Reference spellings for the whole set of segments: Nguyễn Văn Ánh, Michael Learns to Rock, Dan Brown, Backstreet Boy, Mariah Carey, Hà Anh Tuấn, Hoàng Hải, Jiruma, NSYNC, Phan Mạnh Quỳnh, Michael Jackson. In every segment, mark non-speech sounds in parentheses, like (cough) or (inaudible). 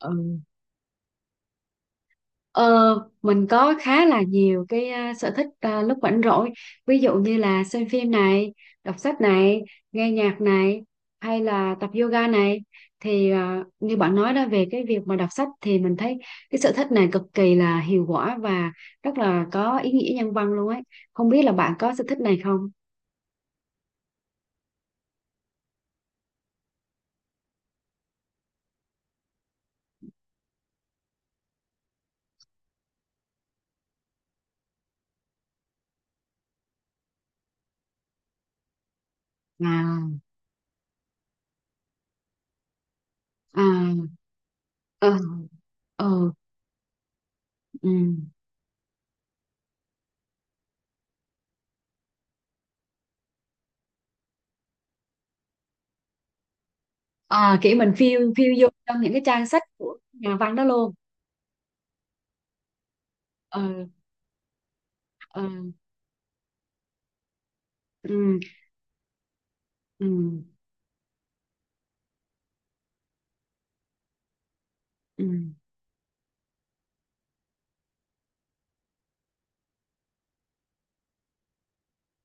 Ừ. Ờ, mình có khá là nhiều cái sở thích, lúc rảnh rỗi, ví dụ như là xem phim này, đọc sách này, nghe nhạc này, hay là tập yoga này, thì như bạn nói đó, về cái việc mà đọc sách thì mình thấy cái sở thích này cực kỳ là hiệu quả và rất là có ý nghĩa nhân văn luôn ấy. Không biết là bạn có sở thích này không? À, à, ờ, ờ, ừ, à, kiểu mình phiêu phiêu du trong những cái trang sách của nhà văn đó luôn. Ờ. Ờ. Ừ. Ừ. Ừ.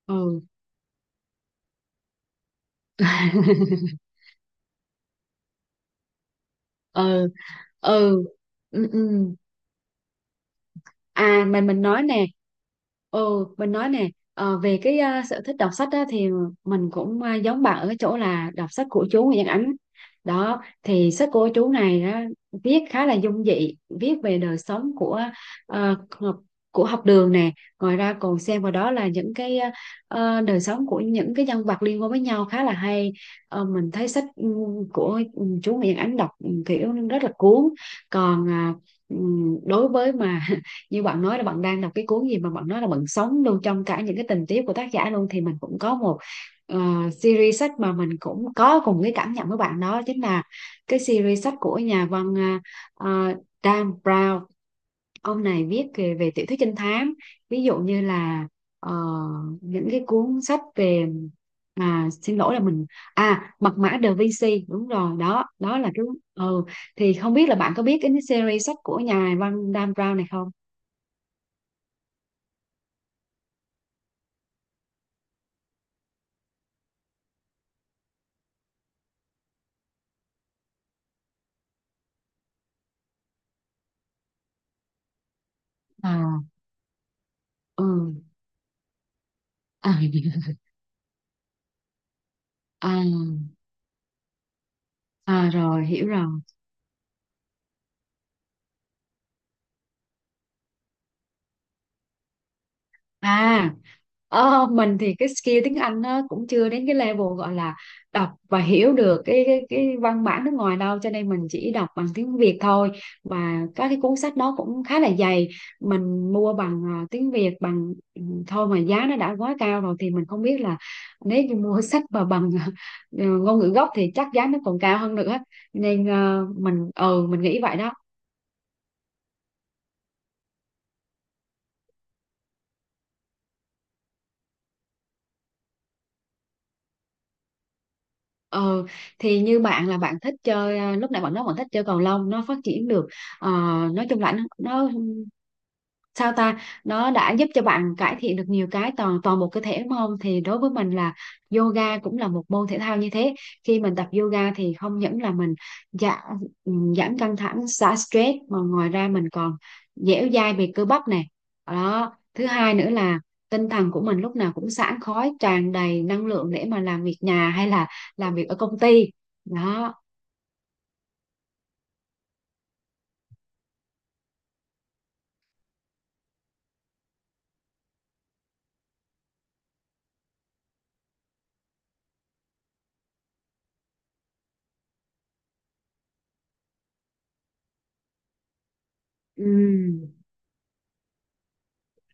Ừ. (laughs) Ừ. Ừ. Ừ, ừ. À, mình nói nè, ừ, mình nói nè, về cái sở thích đọc sách á, thì mình cũng giống bạn ở cái chỗ là đọc sách của chú Nguyễn Văn Ánh đó, thì sách của chú này á, viết khá là dung dị, viết về đời sống của ờ, học- học đường nè, ngoài ra còn xem vào đó là những cái đời sống của những cái nhân vật liên quan với nhau khá là hay. Ờ, mình thấy sách của chú Nguyễn Ánh đọc kiểu rất là cuốn, còn ừ, đối với mà như bạn nói là bạn đang đọc cái cuốn gì mà bạn nói là bạn sống luôn trong cả những cái tình tiết của tác giả luôn, thì mình cũng có một ờ, series sách mà mình cũng có cùng cái cảm nhận với bạn, đó chính là cái series sách của nhà văn ờ, ờ, Dan Brown. Ông này viết về tiểu thuyết trinh thám, ví dụ như là ờ, những cái cuốn sách về, xin lỗi là mình, mật mã Da Vinci, đúng rồi, đó đó là cái. Ừ. Thì không biết là bạn có biết cái series sách của nhà văn Dan Brown này không? À, ừ, à, (laughs) à, à rồi hiểu rồi. À, mình thì cái skill tiếng Anh nó cũng chưa đến cái level gọi là đọc và hiểu được cái văn bản nước ngoài đâu, cho nên mình chỉ đọc bằng tiếng Việt thôi, và các cái cuốn sách nó cũng khá là dày. Mình mua bằng tiếng Việt thôi, mà giá nó đã quá cao rồi, thì mình không biết là nếu như mua (laughs) sách mà bằng (laughs) ngôn ngữ gốc thì chắc giá nó còn cao hơn nữa, nên mình mình nghĩ vậy đó. Ừ, thì như bạn là bạn thích chơi à, lúc nãy bạn nói bạn thích chơi cầu lông, nó phát triển được, ờ, nói chung là nó, sao ta, nó đã giúp cho bạn cải thiện được nhiều cái toàn toàn một cơ thể đúng không? Thì đối với mình là yoga cũng là một môn thể thao như thế. Khi mình tập yoga thì không những là mình giảm giảm căng thẳng, xả stress, mà ngoài ra mình còn dẻo dai về cơ bắp này, đó, thứ hai nữa là tinh thần của mình lúc nào cũng sảng khoái, tràn đầy năng lượng để mà làm việc nhà hay là làm việc ở công ty. Đó. Ừ.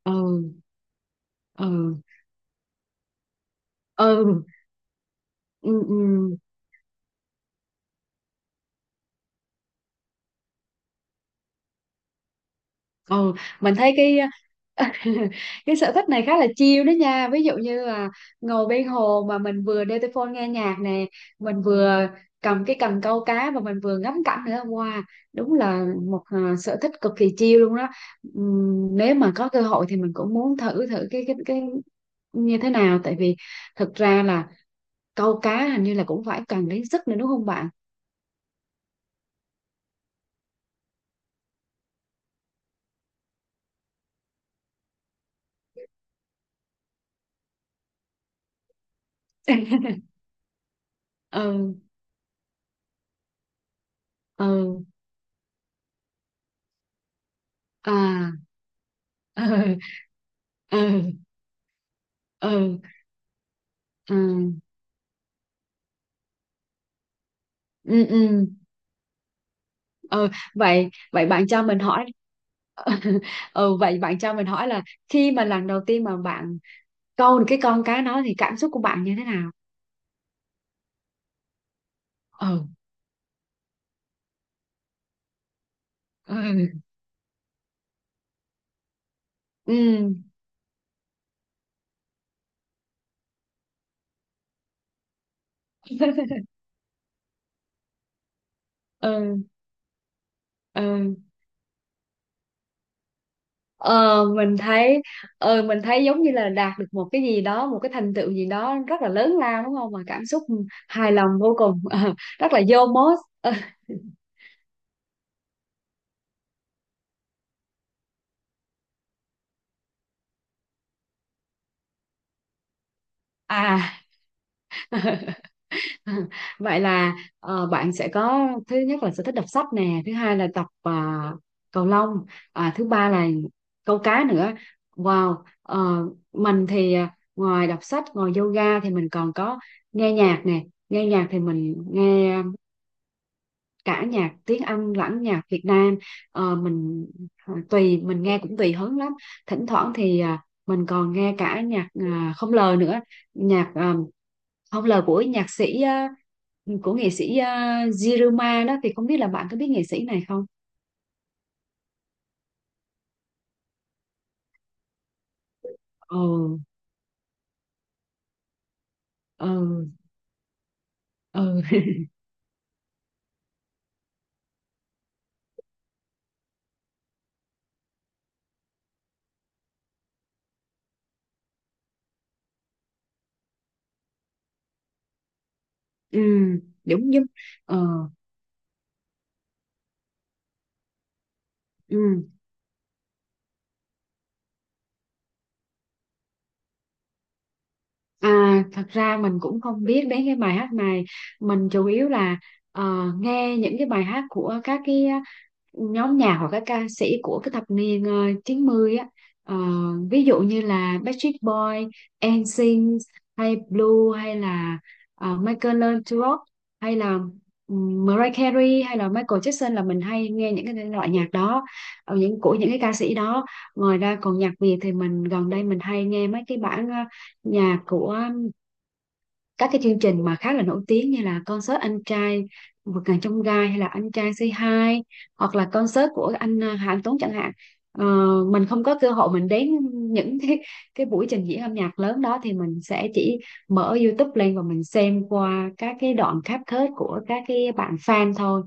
Ừ. Ừ. Ừ. Ừ. Ừ. Mình thấy cái (laughs) cái sở thích này khá là chill đó nha, ví dụ như là ngồi bên hồ mà mình vừa đeo tai phone nghe nhạc nè, mình vừa cầm cái cần câu cá và mình vừa ngắm cảnh nữa, wow, đúng là một sở thích cực kỳ chill luôn đó. Nếu mà có cơ hội thì mình cũng muốn thử thử cái như thế nào, tại vì thực ra là câu cá hình như là cũng phải cần đến sức nữa, đúng không bạn? (laughs) Ừ. Ừ. À. Ừ. Ừ. Ừ. Ừ, ừ, ừ. Ờ, vậy vậy bạn cho mình hỏi, (laughs) ừ, vậy bạn cho mình hỏi là khi mà lần đầu tiên mà bạn câu được cái con cá đó thì cảm xúc của bạn như thế nào? Ừ. Ừ. Ừ. (laughs) Ừ. Ừ. ờ mình thấy mình thấy giống như là đạt được một cái gì đó, một cái thành tựu gì đó rất là lớn lao, đúng không, mà cảm xúc hài lòng vô cùng, (laughs) rất là vô mốt. (laughs) À. (laughs) (laughs) Vậy là bạn sẽ có, thứ nhất là sở thích đọc sách nè, thứ hai là tập cầu lông, thứ ba là câu cá nữa, wow. ờ, mình thì ngoài đọc sách, ngoài yoga, thì mình còn có nghe nhạc nè. Nghe nhạc thì mình nghe cả nhạc tiếng Anh lẫn nhạc Việt Nam. Ờ, mình tùy mình nghe cũng tùy hứng lắm, thỉnh thoảng thì mình còn nghe cả nhạc không lời nữa, nhạc không lời của nhạc sĩ của nghệ sĩ Jiruma đó, thì không biết là bạn có biết nghệ sĩ này không? Ờ. Ờ. Ờ. (laughs) Ừ, đúng, nhưng, ừ, ừ. À, thật ra mình cũng không biết đến cái bài hát này, mình chủ yếu là nghe những cái bài hát của các cái nhóm nhạc hoặc các ca sĩ của cái thập niên 90 á. Ờ, ví dụ như là Backstreet Boy, NSYNC hay Blue hay là Michael Learns to Rock, hay là Mariah Carey hay là Michael Jackson, là mình hay nghe những cái loại nhạc đó, những của những cái ca sĩ đó. Ngoài ra còn nhạc Việt thì mình gần đây mình hay nghe mấy cái bản nhà của các cái chương trình mà khá là nổi tiếng như là concert Anh Trai Vượt Ngàn Chông Gai hay là Anh Trai Say Hi, hoặc là concert của anh Hà Anh Tuấn chẳng hạn. Ờ, mình không có cơ hội mình đến những cái buổi trình diễn âm nhạc lớn đó, thì mình sẽ chỉ mở YouTube lên và mình xem qua các cái đoạn cáp kết của các cái bạn fan thôi.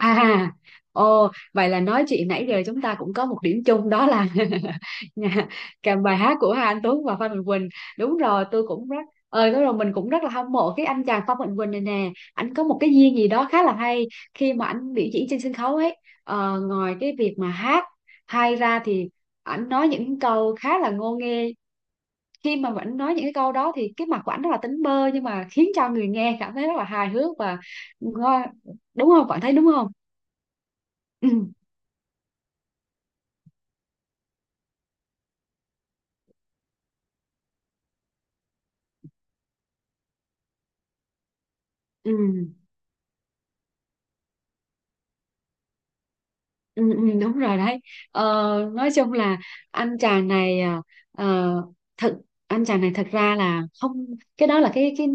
À, ồ, vậy là nói chuyện nãy giờ chúng ta cũng có một điểm chung, đó là (laughs) nhà, cả bài hát của Hà Anh Tuấn và Phan Mạnh Quỳnh. Đúng rồi, tôi cũng rất, đúng rồi, mình cũng rất là hâm mộ cái anh chàng Phan Mạnh Quỳnh này nè. Anh có một cái duyên gì đó khá là hay khi mà anh biểu diễn trên sân khấu ấy. Ờ, ngoài cái việc mà hát hay ra thì anh nói những câu khá là ngô nghê. Khi mà anh nói những cái câu đó thì cái mặt của anh rất là tính bơ, nhưng mà khiến cho người nghe cảm thấy rất là hài hước và ngo- đúng không? Bạn thấy đúng không? Ừ. Ừ, ừ, ừ, đúng rồi đấy. ờ, nói chung là anh chàng này ờ, thật anh chàng này thật ra là không, cái đó là cái,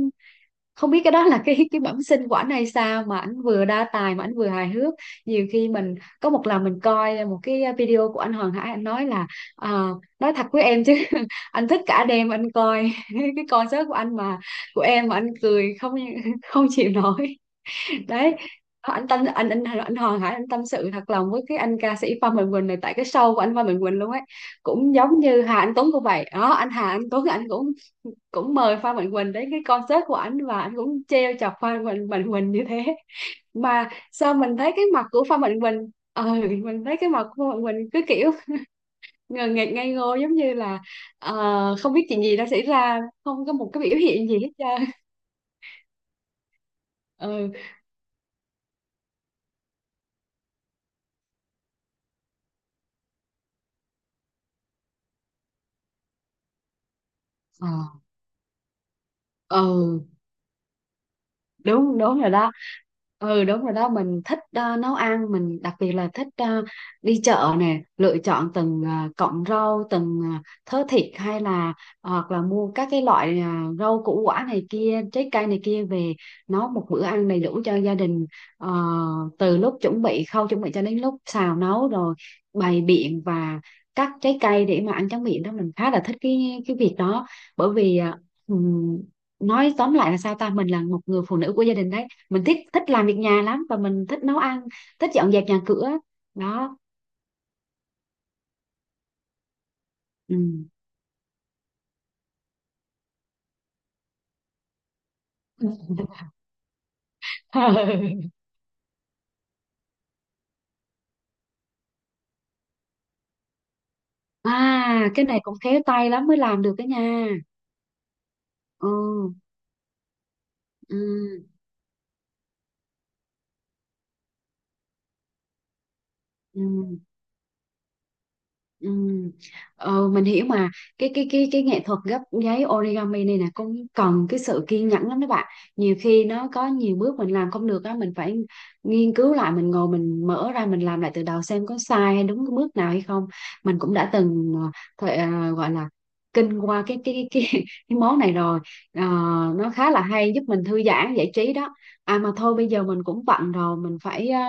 không biết cái đó là cái bẩm sinh của anh hay sao mà anh vừa đa tài mà anh vừa hài hước. Nhiều khi mình có một lần mình coi một cái video của anh Hoàng Hải, anh nói là ờ, nói thật với em chứ, (laughs) anh thích cả đêm anh coi (laughs) cái concert của em mà anh cười không không chịu nổi. Đấy, anh Hoàng Hải anh tâm sự thật lòng với cái anh ca sĩ Phan Mạnh Quỳnh này, tại cái show của anh Phan Mạnh Quỳnh luôn ấy. Cũng giống như Hà Anh Tuấn cũng vậy đó, anh Hà Anh Tuấn anh cũng cũng mời Phan Mạnh Quỳnh đến cái concert của anh và anh cũng trêu chọc Phan Mạnh Quỳnh như thế, mà sao mình thấy cái mặt của Phan Mạnh Quỳnh, mình thấy cái mặt của Phan Mạnh Quỳnh cứ kiểu ngờ nghệch ngây ngô, giống như là không biết chuyện gì đã xảy ra, không có một cái biểu hiện gì hết trơn. Ừ. Ờ. Ừ, đúng, đúng rồi đó, ừ, đúng rồi đó, mình thích nấu ăn. Mình đặc biệt là thích đi chợ nè, lựa chọn từng cọng rau, từng thớ thịt, hay là hoặc là mua các cái loại rau củ quả này kia, trái cây này kia về, nấu một bữa ăn đầy đủ cho gia đình. Ờ, từ lúc chuẩn bị, khâu chuẩn bị cho đến lúc xào nấu, rồi bày biện và cắt trái cây để mà ăn tráng miệng đó, mình khá là thích cái việc đó. Bởi vì ờ, nói tóm lại là, sao ta, mình là một người phụ nữ của gia đình đấy, mình thích thích làm việc nhà lắm và mình thích nấu ăn, thích dọn dẹp nhà cửa. Đó. Ừ. (laughs) À, cái này cũng khéo tay lắm mới làm được cái nha. Ừ. Ừ. Ừ. Ừ. Ờ, mình hiểu mà, cái nghệ thuật gấp giấy origami này nè cũng cần cái sự kiên nhẫn lắm đó bạn, nhiều khi nó có nhiều bước mình làm không được á, mình phải nghiên cứu lại, mình ngồi mình mở ra mình làm lại từ đầu xem có sai hay đúng cái bước nào hay không. Mình cũng đã từng thời, gọi là kinh qua (laughs) cái món này rồi. Ờ, nó khá là hay, giúp mình thư giãn giải trí đó. À, mà thôi bây giờ mình cũng bận rồi, mình phải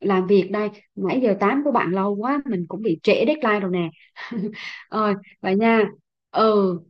làm việc đây, nãy giờ tám của bạn lâu quá mình cũng bị trễ deadline rồi nè. (laughs) Rồi, vậy nha. Ừ.